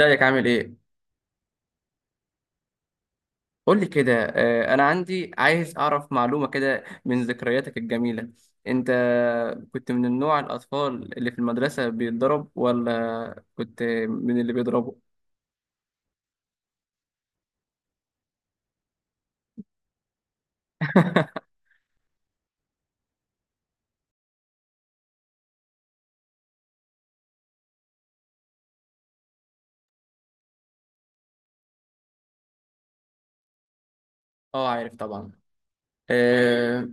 رأيك عامل ايه؟ قول لي كده انا عندي عايز اعرف معلومة كده من ذكرياتك الجميلة. انت كنت من النوع الاطفال اللي في المدرسة بيتضرب ولا كنت من اللي بيضربوا؟ اه، عارف طبعا. آه،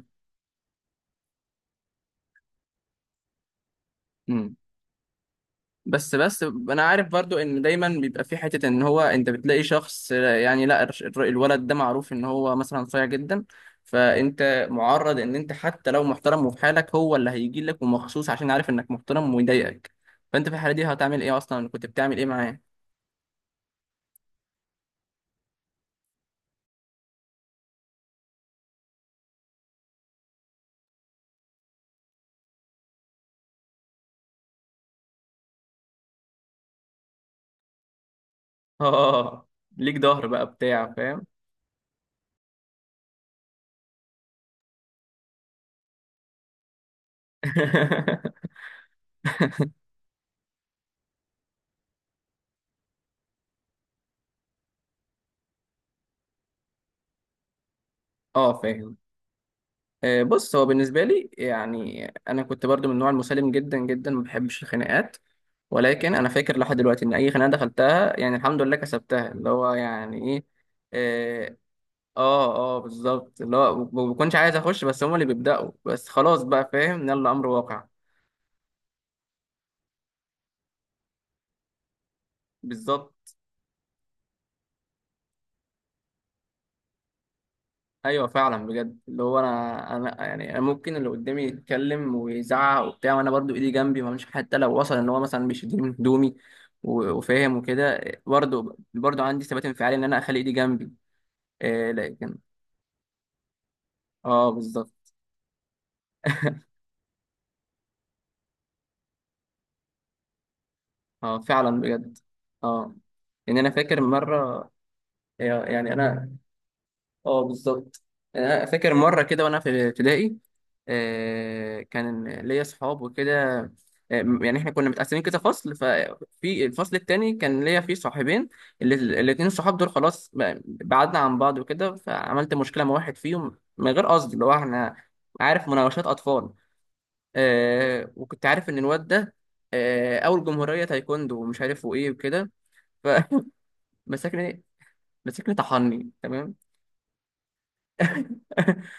بس انا عارف برضو ان دايما بيبقى في حته، ان هو انت بتلاقي شخص، يعني لا الولد ده معروف ان هو مثلا صايع جدا، فانت معرض ان انت حتى لو محترم وفي حالك، هو اللي هيجي لك ومخصوص عشان عارف انك محترم ويضايقك. فانت في الحاله دي هتعمل ايه؟ اصلا كنت بتعمل ايه معاه؟ اه، ليك ظهر بقى بتاع فاهم. اه، فاهم. بص، هو بالنسبه لي يعني انا كنت برضو من النوع المسالم جدا جدا، ما بحبش الخناقات، ولكن انا فاكر لحد دلوقتي ان اي خناقه دخلتها يعني الحمد لله كسبتها، اللي هو يعني ايه. إيه، اه، اه، بالظبط، اللي هو ما بكونش عايز اخش، بس هم اللي بيبداوا، بس خلاص بقى فاهم، يلا امر واقع. بالظبط. ايوه فعلا بجد، اللي هو انا يعني انا ممكن اللي قدامي يتكلم ويزعق وبتاع، وانا برضو ايدي جنبي، ما مش حتى لو وصل ان هو مثلا بيشدني من هدومي وفاهم وكده، برضو عندي ثبات انفعالي ان انا اخلي ايدي جنبي. إيه، لكن اه، بالظبط. اه، فعلا بجد. اه، يعني انا فاكر مره، يعني انا اه، بالظبط. يعني انا فاكر مره كده وانا في ابتدائي. كان ليا اصحاب وكده. يعني احنا كنا متقسمين كده فصل، ففي الفصل التاني كان ليا فيه صاحبين. ال- الاتنين الصحاب دول خلاص، بعدنا عن بعض وكده، فعملت مشكله مع واحد فيهم من غير قصد، اللي هو احنا، عارف، مناوشات اطفال. وكنت عارف ان الواد ده اول جمهوريه تايكوندو، ومش عارف وايه وكده. مسكني، مسكني طحني تمام.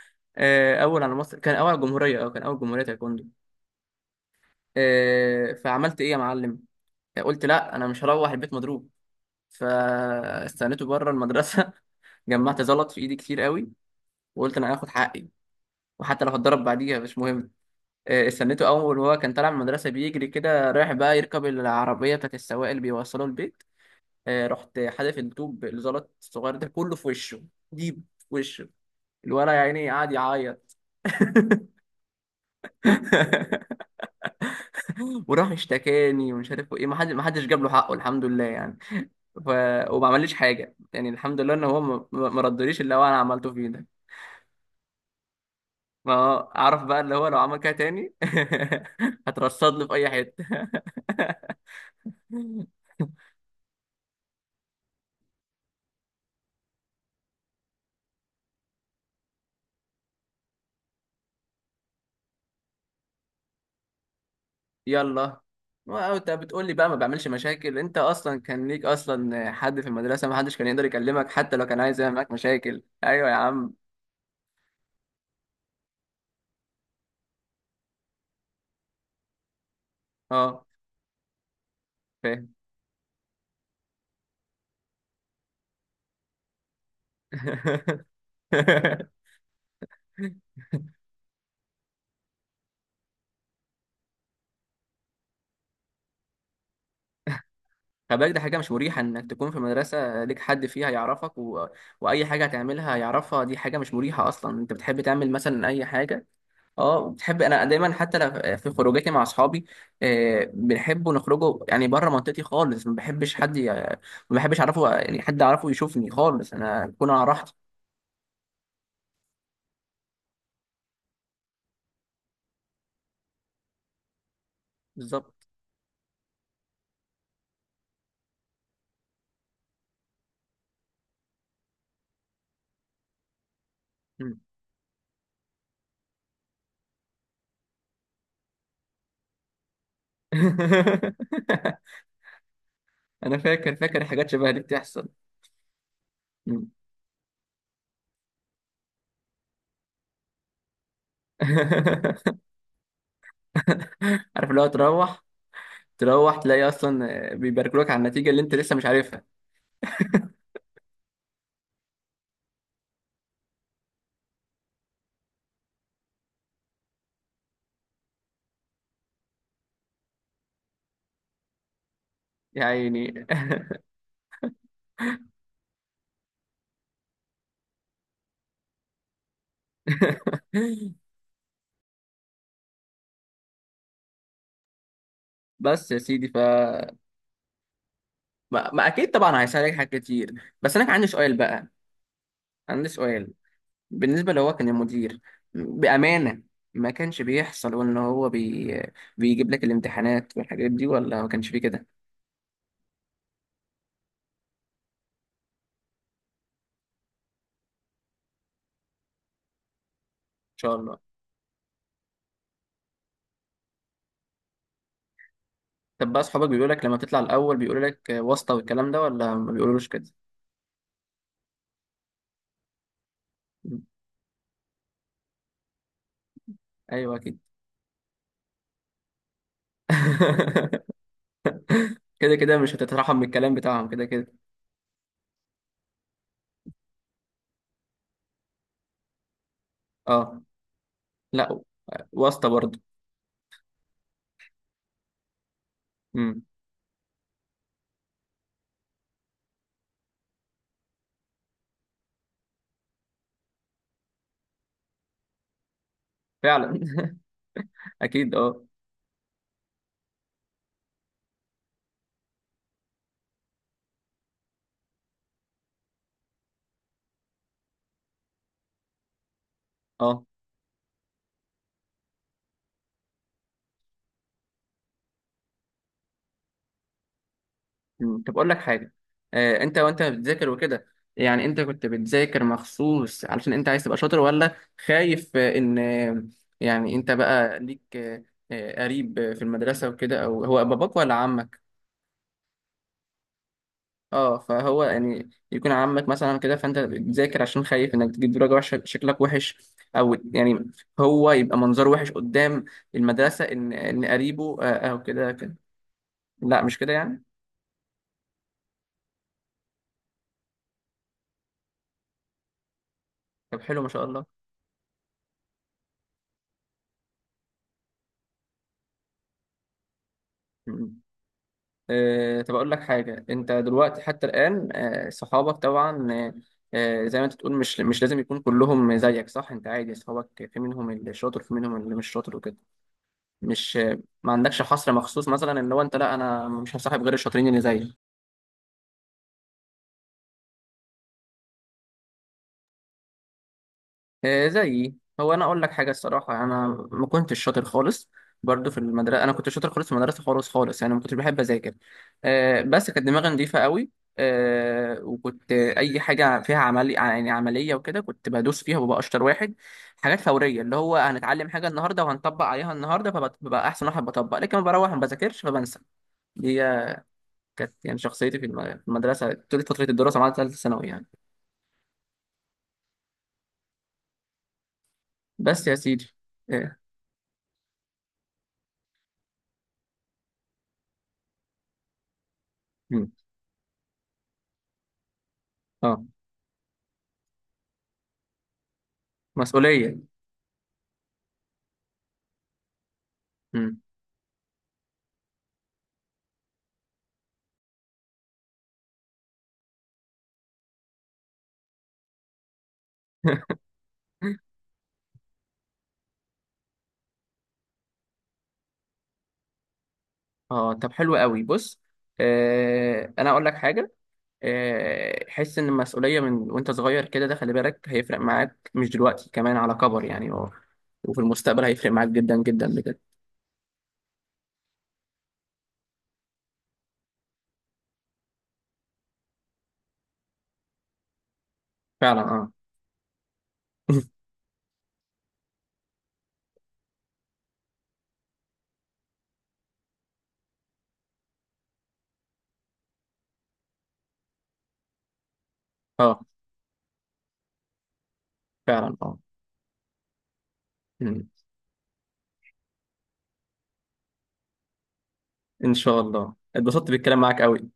اول على مصر، كان اول على الجمهوريه، اه كان اول جمهوريه تايكوندو. فعملت ايه يا معلم؟ قلت لا، انا مش هروح البيت مضروب، فاستنيته بره المدرسه. جمعت زلط في ايدي كتير قوي، وقلت انا هاخد حقي، وحتى لو هتضرب بعديها مش مهم. استنيته، اول وهو كان طالع من المدرسه بيجري كده رايح بقى يركب العربيه بتاعت السواق اللي بيوصله البيت، رحت حادف الطوب الزلط الصغير ده كله في وشه، ديب في وشه. الولد يا عيني قعد يعيط. وراح اشتكاني ومش عارف ايه، ما حد ما حدش جاب له حقه الحمد لله يعني. ف... وما عمليش حاجه يعني، الحمد لله ان هو ما ردليش اللي هو انا عملته فيه ده. ما هو اعرف بقى اللي هو لو عمل كده تاني هترصد له في اي حته. يلا، وانت بتقول لي بقى ما بعملش مشاكل، انت اصلا كان ليك اصلا حد في المدرسه، ما حدش كان يقدر يكلمك حتى لو كان عايز يعمل معاك مشاكل، ايوه يا عم. اه، فاهم. خلي بالك ده حاجة مش مريحة إنك تكون في مدرسة ليك حد فيها يعرفك، وأي حاجة هتعملها يعرفها، دي حاجة مش مريحة أصلا. أنت بتحب تعمل مثلا أي حاجة، أه، وبتحب، أنا دايما حتى لو في خروجاتي مع أصحابي بنحبوا نخرجوا يعني بره منطقتي خالص، ما بحبش حد ما بحبش أعرفه، يعني حد أعرفه يشوفني خالص، أنا أكون على راحتي. بالظبط. مم. أنا فاكر، حاجات شبه دي بتحصل. مم. عارف، اللي هو تروح، تروح تلاقي اصلا بيباركولك على النتيجه اللي انت لسه مش عارفها يعني. بس يا سيدي. ما اكيد طبعا هيسالك حاجات كتير، بس انا كان عندي سؤال بقى، عندي سؤال. بالنسبه لو هو كان المدير، بامانه، ما كانش بيحصل وان هو بيجيب لك الامتحانات والحاجات دي، ولا ما كانش فيه كده؟ ان شاء الله. طب بقى اصحابك بيقولوا لك لما تطلع الاول بيقولوا لك واسطه والكلام ده، ولا ما بيقولولوش كده؟ ايوه، اكيد. كده كده مش هتترحم من الكلام بتاعهم كده كده. اه، لا، واسطة برضه. امم فعلا. اكيد، اه. اه، مم. طب اقول لك حاجة، انت وانت بتذاكر وكده، يعني انت كنت بتذاكر مخصوص علشان انت عايز تبقى شاطر، ولا خايف ان يعني انت بقى ليك قريب في المدرسة وكده، او هو باباك ولا عمك؟ اه، فهو يعني يكون عمك مثلا كده، فانت بتذاكر عشان خايف انك تجيب درجه وحشه شكلك وحش، او يعني هو يبقى منظره وحش قدام المدرسه ان قريبه او كده كده. لا، مش كده يعني. طب حلو ما شاء الله. م- طب اقول لك حاجه، انت دلوقتي حتى الان صحابك طبعا، زي ما انت تقول مش لازم يكون كلهم زيك صح؟ انت عادي، صحابك في منهم اللي شاطر، في منهم اللي مش شاطر وكده. مش ما عندكش حصر مخصوص مثلا ان هو انت لا، انا مش هصاحب غير الشاطرين اللي زيي زيي. هو انا اقول لك حاجه الصراحه، انا ما كنتش شاطر خالص برضو في المدرسه، انا كنت شاطر خالص في المدرسه، خالص خالص يعني، ما كنتش بحب اذاكر. بس كانت دماغي نظيفه قوي. وكنت اي حاجه فيها عملي، يعني عمليه وكده كنت بدوس فيها وببقى اشطر واحد. حاجات فوريه، اللي هو هنتعلم حاجه النهارده وهنطبق عليها النهارده فببقى احسن واحد بطبق، لكن لما بروح ما بذاكرش فبنسى دي. كانت يعني شخصيتي في في المدرسه طول فتره الدراسه مع ثالثه ثانوي يعني. بس يا سيدي. آه، مم. اه، مسؤوليه. اه، طب حلو قوي بص، انا اقول لك حاجه، حس ان المسؤوليه من وانت صغير كده ده خلي بالك هيفرق معاك، مش دلوقتي كمان على كبر يعني، وفي المستقبل هيفرق معاك جدا جدا بجد. فعلا، اه. اه، فعلا، اه. مم. ان شاء الله. اتبسطت بالكلام معاك قوي.